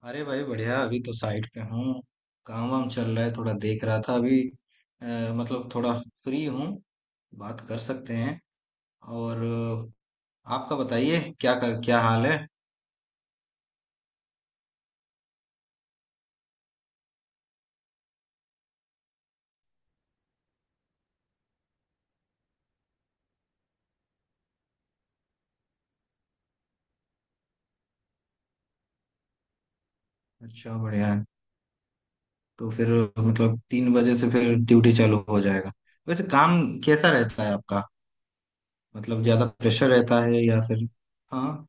अरे भाई, बढ़िया। अभी तो साइट पे हूँ। काम वाम चल रहा है, थोड़ा देख रहा था अभी। मतलब थोड़ा फ्री हूँ, बात कर सकते हैं। और आपका बताइए, क्या हाल है। अच्छा, बढ़िया है। तो फिर मतलब 3 बजे से फिर ड्यूटी चालू हो जाएगा। वैसे काम कैसा रहता है आपका? मतलब ज्यादा प्रेशर रहता है या फिर? हाँ।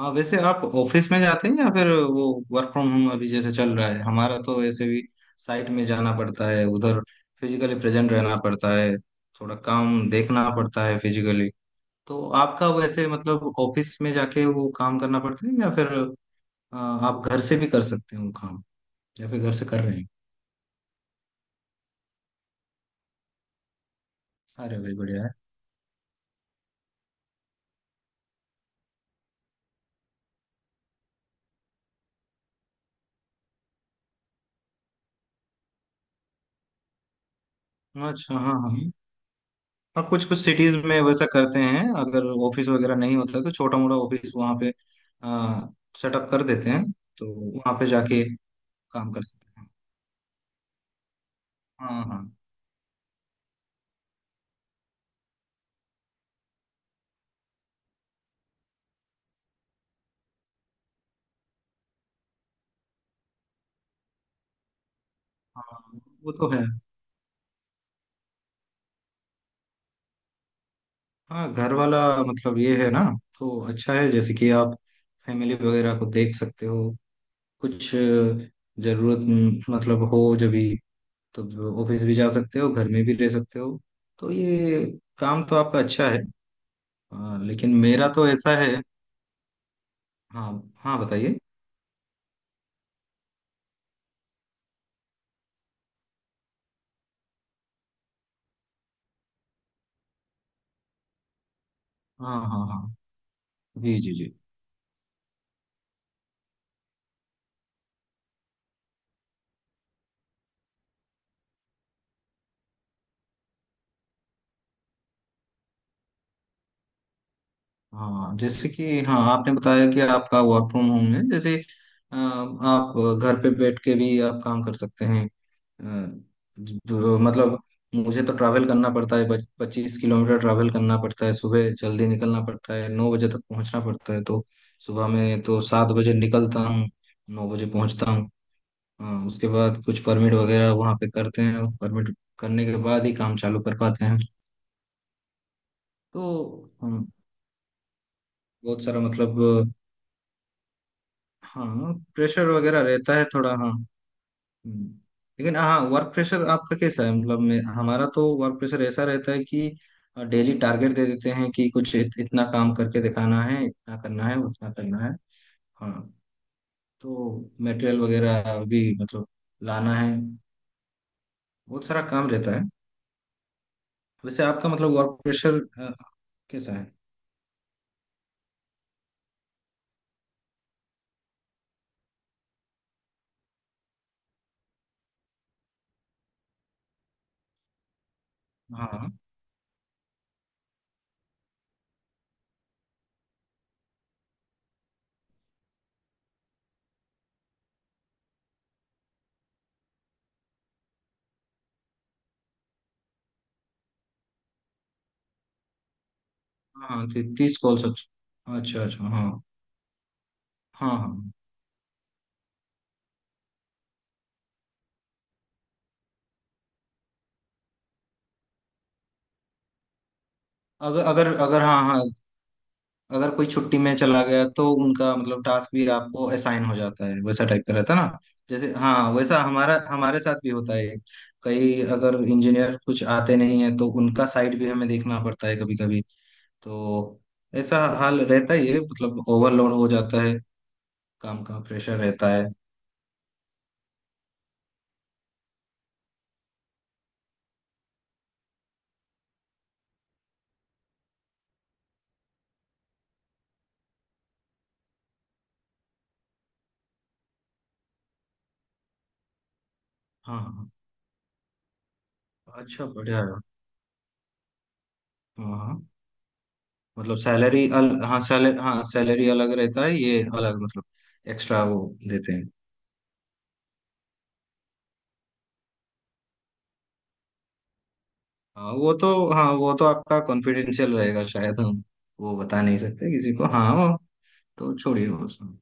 हाँ, वैसे आप ऑफिस में जाते हैं या फिर वो वर्क फ्रॉम होम? अभी जैसे चल रहा है हमारा, तो वैसे भी साइट में जाना पड़ता है उधर, फिजिकली प्रेजेंट रहना पड़ता है, थोड़ा काम देखना पड़ता है फिजिकली। तो आपका वैसे मतलब ऑफिस में जाके वो काम करना पड़ता है, या फिर आप घर से भी कर सकते हो काम, या फिर घर से कर रहे हैं? अरे भाई, बढ़िया है। अच्छा, हाँ हाँ। हाँ, कुछ कुछ सिटीज में वैसा करते हैं, अगर ऑफिस वगैरह नहीं होता है, तो छोटा मोटा ऑफिस वहाँ पे सेटअप कर देते हैं, तो वहाँ पे जाके काम कर सकते हैं। हाँ हाँ हाँ, वो तो है। हाँ, घर वाला मतलब ये है ना, तो अच्छा है, जैसे कि आप फैमिली वगैरह को देख सकते हो, कुछ जरूरत मतलब हो जब भी, तो ऑफिस भी जा सकते हो, घर में भी रह सकते हो, तो ये काम तो आपका अच्छा है। हाँ, लेकिन मेरा तो ऐसा है। हाँ हाँ, बताइए। हाँ हाँ हाँ। जी जी जी। हाँ, जैसे कि हाँ आपने बताया कि आपका वर्क फ्रॉम होम है, जैसे आप घर पे बैठ के भी आप काम कर सकते हैं। अ, मतलब मुझे तो ट्रैवल करना पड़ता है, 25 किलोमीटर ट्रैवल करना पड़ता है, सुबह जल्दी निकलना पड़ता है, 9 बजे तक पहुंचना पड़ता है, तो सुबह में तो 7 बजे निकलता हूँ, 9 बजे पहुंचता हूँ। उसके बाद कुछ परमिट वगैरह वहाँ पे करते हैं, और परमिट करने के बाद ही काम चालू कर पाते हैं, तो हम बहुत सारा मतलब। हाँ, प्रेशर वगैरह रहता है थोड़ा, हाँ। हम्म। लेकिन हाँ, वर्क प्रेशर आपका कैसा है? मतलब मैं, हमारा तो वर्क प्रेशर ऐसा रहता है कि डेली टारगेट दे देते हैं कि कुछ इतना काम करके दिखाना है, इतना करना है, उतना करना है। हाँ, तो मटेरियल वगैरह भी मतलब लाना है, बहुत सारा काम रहता है। वैसे आपका मतलब वर्क प्रेशर कैसा है? हाँ हाँ, 30 कॉल्स, अच्छा अच्छा अच्छा। हाँ हाँ हाँ। अगर अगर अगर हाँ हाँ, अगर कोई छुट्टी में चला गया तो उनका मतलब टास्क भी आपको असाइन हो जाता है, वैसा टाइप का रहता है ना। जैसे हाँ, वैसा हमारा हमारे साथ भी होता है, कई अगर इंजीनियर कुछ आते नहीं है तो उनका साइड भी हमें देखना पड़ता है कभी कभी, तो ऐसा हाल रहता ही है, मतलब ओवरलोड हो जाता है, काम का प्रेशर रहता है। हाँ हाँ हाँ। अच्छा, बढ़िया है। हाँ हाँ, मतलब सैलरी अल हाँ, सैलरी, हाँ सैलरी अलग रहता है, ये अलग, मतलब एक्स्ट्रा वो देते हैं। हाँ, वो तो, हाँ वो तो आपका कॉन्फिडेंशियल रहेगा शायद, हम वो बता नहीं सकते किसी को, हाँ वो तो छोड़िए वो सब।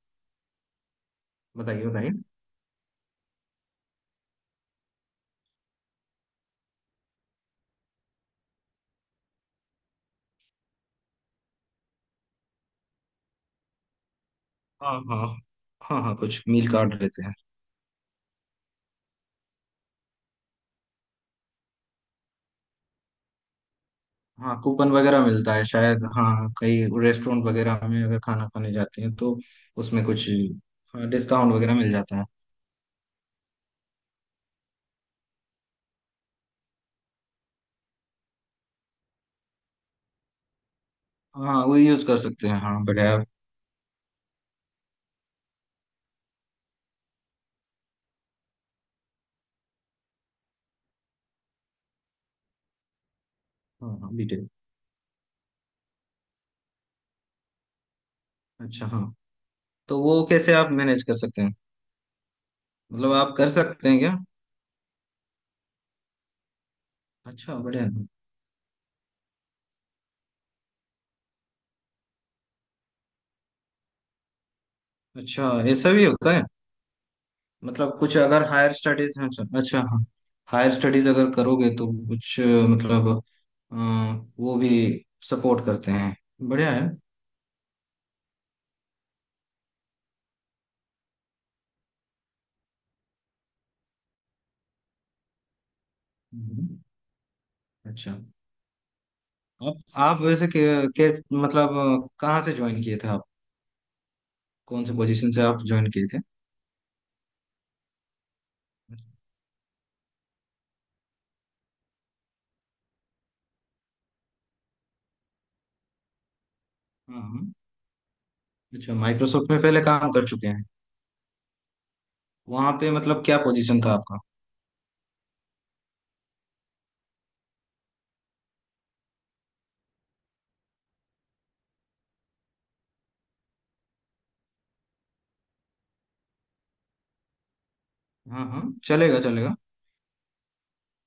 बताइए बताइए। हाँ हाँ हाँ हाँ, कुछ मील कार्ड रहते हैं। हाँ, कूपन वगैरह मिलता है शायद, हाँ, कई रेस्टोरेंट वगैरह में अगर खाना खाने जाते हैं, तो उसमें कुछ हाँ डिस्काउंट वगैरह मिल जाता है। हाँ, वो यूज कर सकते हैं, हाँ बढ़िया। हाँ हाँ, डिटेल। अच्छा, हाँ, तो वो कैसे आप मैनेज कर सकते हैं? मतलब आप कर सकते हैं क्या? अच्छा, बढ़िया। अच्छा, ऐसा भी होता है? मतलब कुछ अगर हायर स्टडीज, अच्छा अच्छा, हाँ, हायर स्टडीज अगर करोगे तो कुछ मतलब अ, वो भी सपोर्ट करते हैं। बढ़िया है। हम्म। अच्छा, आप आप वैसे के मतलब कहाँ से ज्वाइन किए थे आप? कौन से पोजीशन से आप ज्वाइन किए थे? हाँ हाँ। अच्छा, माइक्रोसॉफ्ट में पहले काम कर चुके हैं। वहाँ पे मतलब क्या पोजीशन था आपका? हाँ हाँ, चलेगा चलेगा।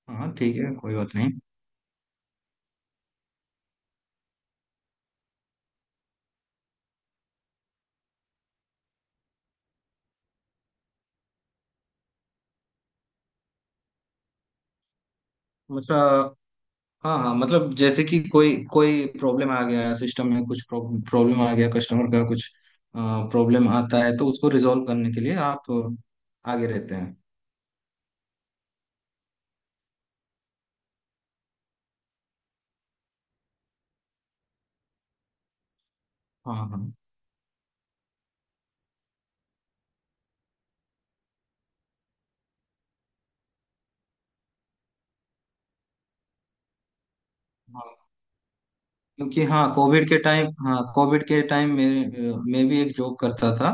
हाँ हाँ, ठीक है, कोई बात नहीं। मतलब हाँ हाँ, मतलब जैसे कि कोई कोई प्रॉब्लम आ गया सिस्टम में, कुछ प्रॉब्लम आ गया कस्टमर का, कुछ प्रॉब्लम आता है, तो उसको रिजॉल्व करने के लिए आप आगे रहते हैं। हाँ हाँ हाँ। क्योंकि हाँ कोविड के टाइम, हाँ कोविड के टाइम मेरे मैं भी एक जॉब करता था,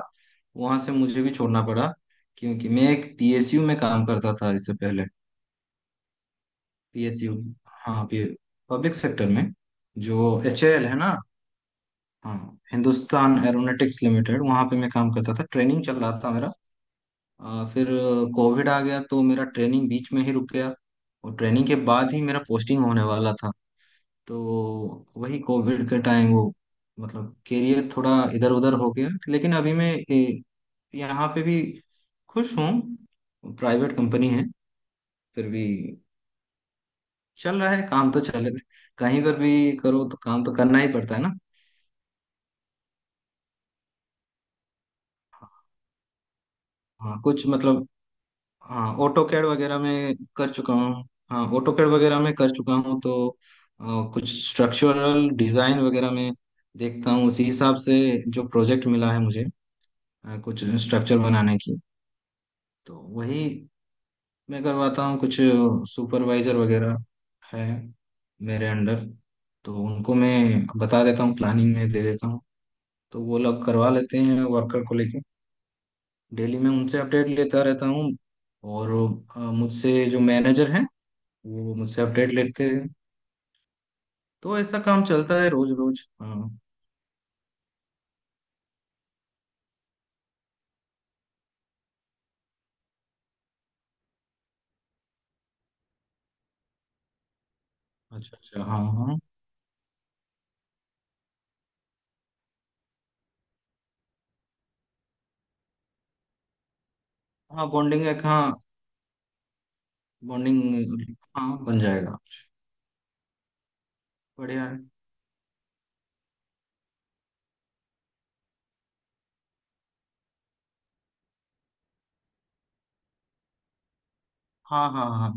वहां से मुझे भी छोड़ना पड़ा, क्योंकि मैं एक पीएसयू में काम करता था इससे पहले। पीएसयू, हाँ, पब्लिक सेक्टर में, जो एचएएल है ना। हाँ, हिंदुस्तान एरोनॉटिक्स लिमिटेड, वहाँ पे मैं काम करता था, ट्रेनिंग चल रहा था मेरा। फिर कोविड आ गया तो मेरा ट्रेनिंग बीच में ही रुक गया, और ट्रेनिंग के बाद ही मेरा पोस्टिंग होने वाला था, तो वही कोविड के टाइम, वो मतलब करियर थोड़ा इधर उधर हो गया, लेकिन अभी मैं यहाँ पे भी खुश हूँ, प्राइवेट कंपनी है, फिर भी चल रहा है, काम तो चल रहा है, कहीं पर भी करो तो काम तो करना ही पड़ता है ना। हाँ, कुछ मतलब हाँ, ऑटो कैड वगैरह में कर चुका हूँ। हाँ, ऑटो कैड वगैरह में कर चुका हूँ, तो कुछ स्ट्रक्चरल डिजाइन वगैरह में देखता हूँ, उसी हिसाब से जो प्रोजेक्ट मिला है मुझे, कुछ स्ट्रक्चर बनाने की, तो वही मैं करवाता हूँ, कुछ सुपरवाइजर वगैरह है मेरे अंडर, तो उनको मैं बता देता हूँ, प्लानिंग में दे देता हूँ, तो वो लोग करवा लेते हैं वर्कर को लेके, डेली मैं उनसे अपडेट लेता रहता हूँ, और मुझसे जो मैनेजर है, वो मुझसे अपडेट लेते हैं, तो ऐसा काम चलता है रोज रोज, हाँ। अच्छा अच्छा, हाँ हाँ। हाँ, बॉन्डिंग एक, हाँ बॉन्डिंग, हाँ बन जाएगा। बढ़िया है। हाँ हाँ हाँ,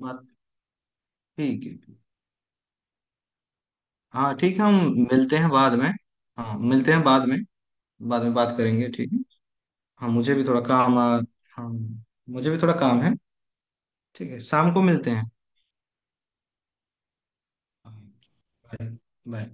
बात। ठीक है ठीक। हाँ ठीक है, हम मिलते हैं बाद में। हाँ, मिलते हैं बाद में। बाद में बात करेंगे, ठीक है। हाँ, मुझे भी थोड़ा काम हाँ, मुझे भी थोड़ा काम है। ठीक है, शाम को मिलते हैं। हाँ, बाय। बाय।